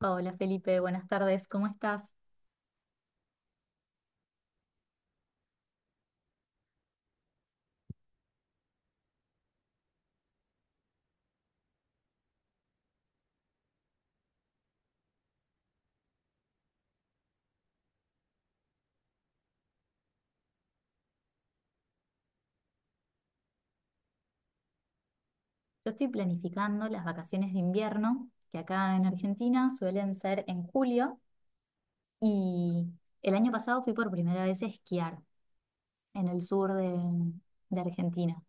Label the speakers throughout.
Speaker 1: Hola Felipe, buenas tardes, ¿cómo estás? Yo estoy planificando las vacaciones de invierno, que acá en Argentina suelen ser en julio, y el año pasado fui por primera vez a esquiar en el sur de Argentina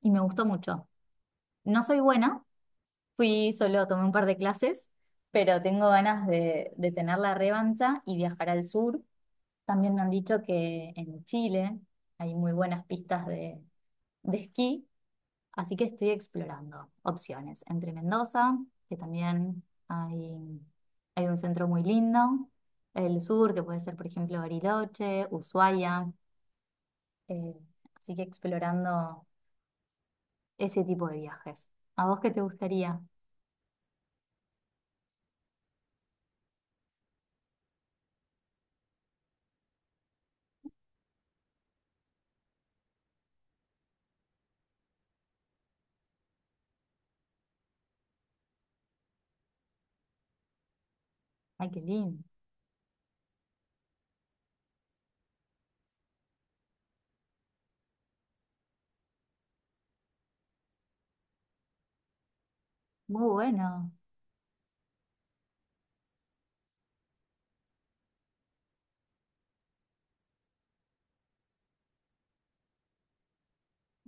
Speaker 1: y me gustó mucho. No soy buena, fui solo, tomé un par de clases, pero tengo ganas de tener la revancha y viajar al sur. También me han dicho que en Chile hay muy buenas pistas de esquí. Así que estoy explorando opciones entre Mendoza, que también hay, hay un centro muy lindo, el sur, que puede ser, por ejemplo, Bariloche, Ushuaia. eh, Así que explorando ese tipo de viajes. ¿A vos qué te gustaría? Ay, qué lindo. Muy bueno.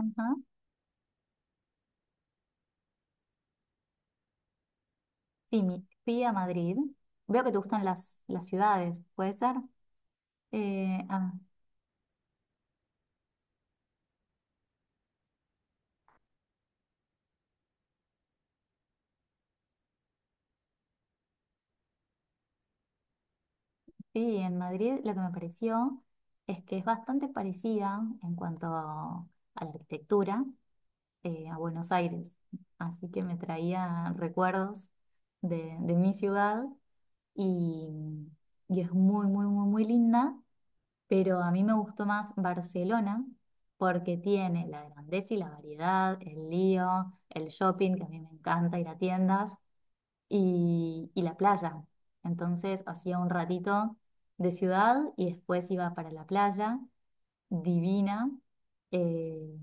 Speaker 1: Ajá. Sí, fui a Madrid. Veo que te gustan las ciudades, ¿puede ser? Eh, ah, Sí, en Madrid lo que me pareció es que es bastante parecida en cuanto a la arquitectura, a Buenos Aires, así que me traía recuerdos de mi ciudad y, y es muy, muy, muy, muy linda, pero a mí me gustó más Barcelona porque tiene la grandeza y la variedad, el lío, el shopping, que a mí me encanta ir a tiendas y la playa. Entonces hacía un ratito de ciudad y después iba para la playa, divina, eh,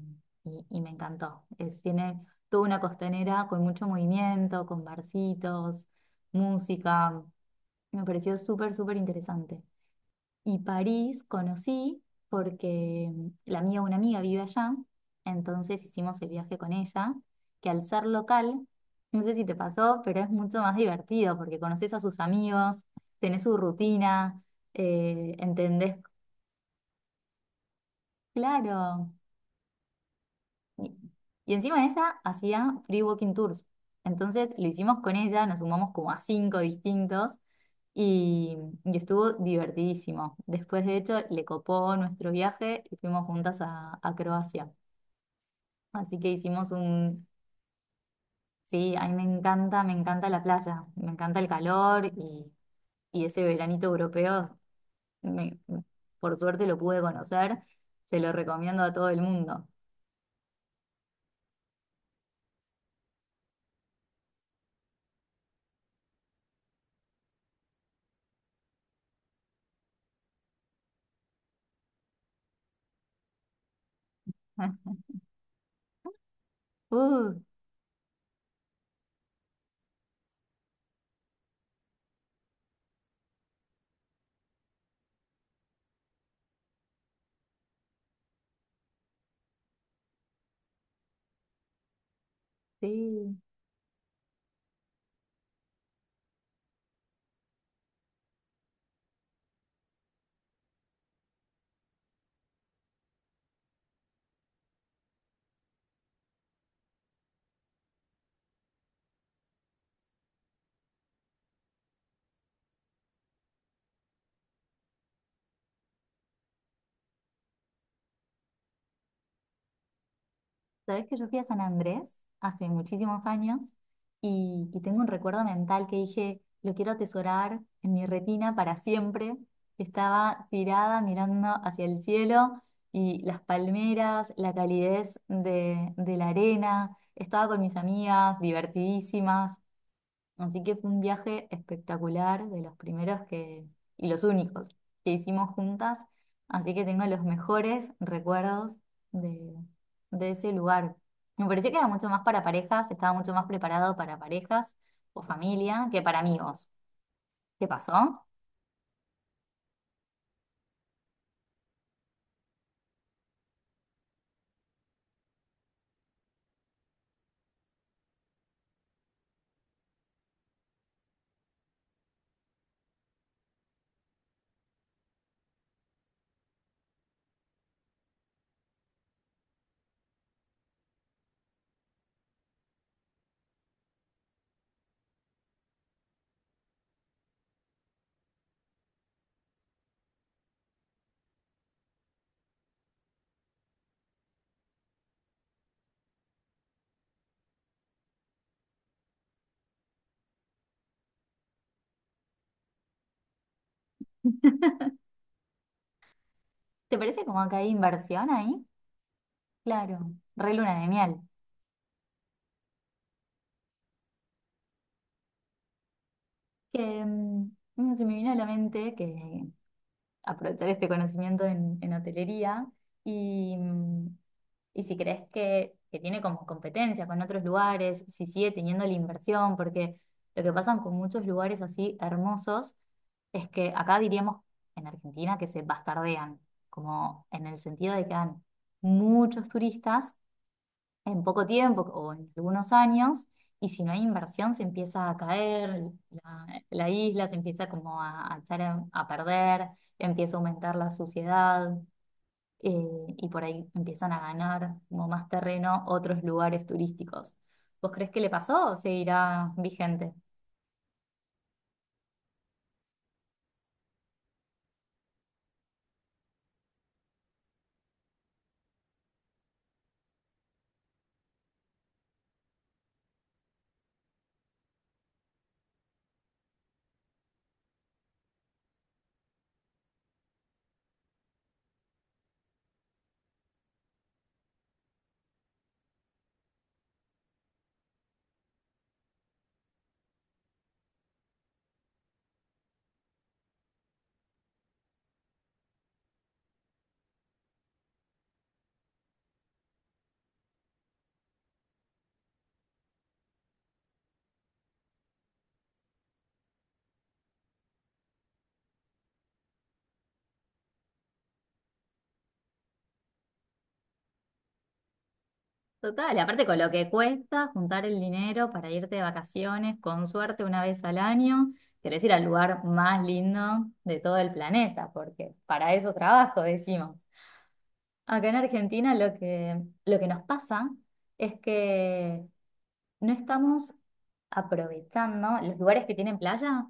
Speaker 1: y me encantó. Tiene toda una costanera con mucho movimiento, con barcitos, música. Me pareció súper, súper interesante. Y París conocí porque la amiga de una amiga vive allá, entonces hicimos el viaje con ella, que al ser local, no sé si te pasó, pero es mucho más divertido porque conoces a sus amigos, tenés su rutina, entendés, claro, Y, y encima ella hacía free walking tours. Entonces lo hicimos con ella, nos sumamos como a cinco distintos y, y estuvo divertidísimo. Después, de hecho, le copó nuestro viaje y fuimos juntas a Croacia. Así que hicimos un... Sí, a mí me encanta la playa, me encanta el calor y ese veranito europeo, me- por suerte lo pude conocer, se lo recomiendo a todo el mundo. Uh, sí. Sabes que yo fui a San Andrés hace muchísimos años y tengo un recuerdo mental que dije, lo quiero atesorar en mi retina para siempre. Estaba tirada mirando hacia el cielo y las palmeras, la calidez de la arena. Estaba con mis amigas, divertidísimas. Así que fue un viaje espectacular, de los primeros que, y los únicos que hicimos juntas. Así que tengo los mejores recuerdos de, de ese lugar. Me pareció que era mucho más para parejas, estaba mucho más preparado para parejas o familia que para amigos. ¿Qué pasó? ¿Te parece como que hay inversión ahí? Claro, re luna de miel. Que se me vino a la mente que aprovechar este conocimiento en hotelería y, y si crees que tiene como competencia con otros lugares, si sigue teniendo la inversión, porque lo que pasa con muchos lugares así hermosos es que acá diríamos en Argentina que se bastardean, como en el sentido de que dan muchos turistas en poco tiempo o en algunos años, y si no hay inversión se empieza a caer, la isla se empieza como a echar a perder, empieza a aumentar la suciedad, y por ahí empiezan a ganar como más terreno otros lugares turísticos. ¿Vos crees que le pasó o seguirá vigente? Total, y aparte con lo que cuesta juntar el dinero para irte de vacaciones, con suerte una vez al año, querés ir al lugar más lindo de todo el planeta, porque para eso trabajo, decimos. Acá en Argentina lo que nos pasa es que no estamos aprovechando, los lugares que tienen playa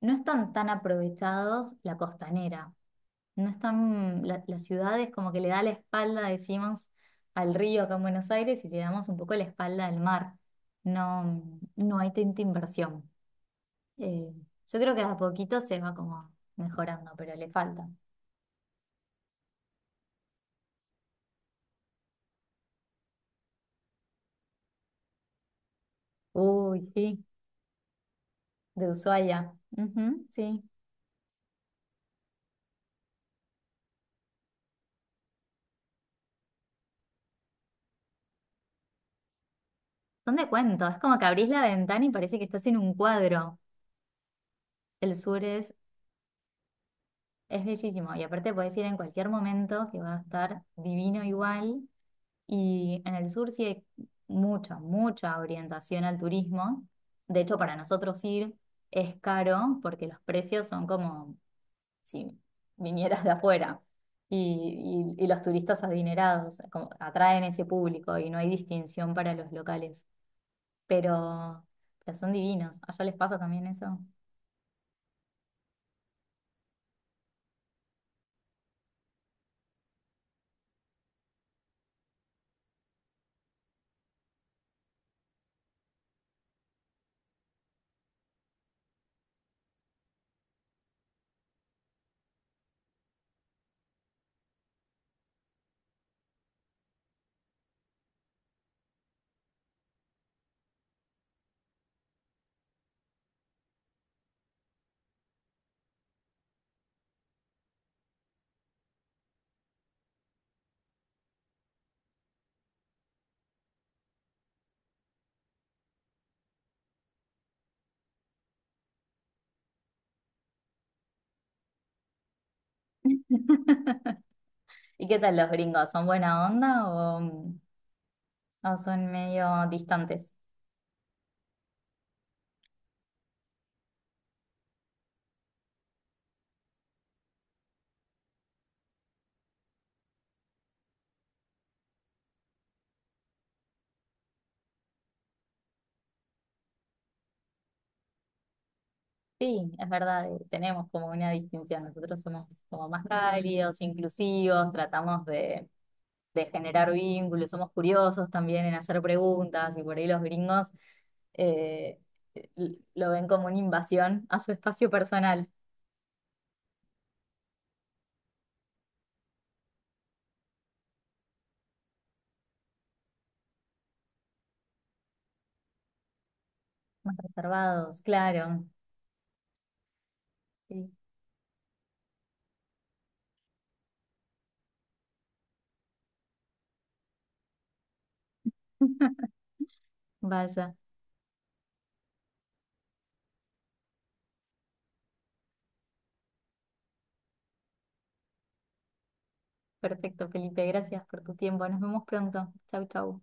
Speaker 1: no están tan aprovechados la costanera. No están, la ciudad es como que le da la espalda, decimos, al río acá en Buenos Aires y le damos un poco la espalda al mar. No, no hay tanta inversión. Eh, yo creo que a poquito se va como mejorando, pero le falta. Uy, sí, de Ushuaia. Ujú, sí. Son de cuento, es como que abrís la ventana y parece que estás en un cuadro. El sur es bellísimo y aparte podés ir en cualquier momento que va a estar divino igual. Y en el sur sí hay mucha, mucha orientación al turismo. De hecho, para nosotros ir es caro porque los precios son como si vinieras de afuera. Y, y los turistas adinerados como atraen ese público y no hay distinción para los locales. Pero, pero son divinos. ¿Allá les pasa también eso? ¿Y qué tal los gringos? ¿Son buena onda o son medio distantes? Sí, es verdad, tenemos como una distinción. Nosotros somos como más cálidos, inclusivos, tratamos de generar vínculos, somos curiosos también en hacer preguntas y por ahí los gringos eh, lo ven como una invasión a su espacio personal. Más reservados, claro. Sí. Vaya, perfecto, Felipe, gracias por tu tiempo. Nos vemos pronto. Chau, chau.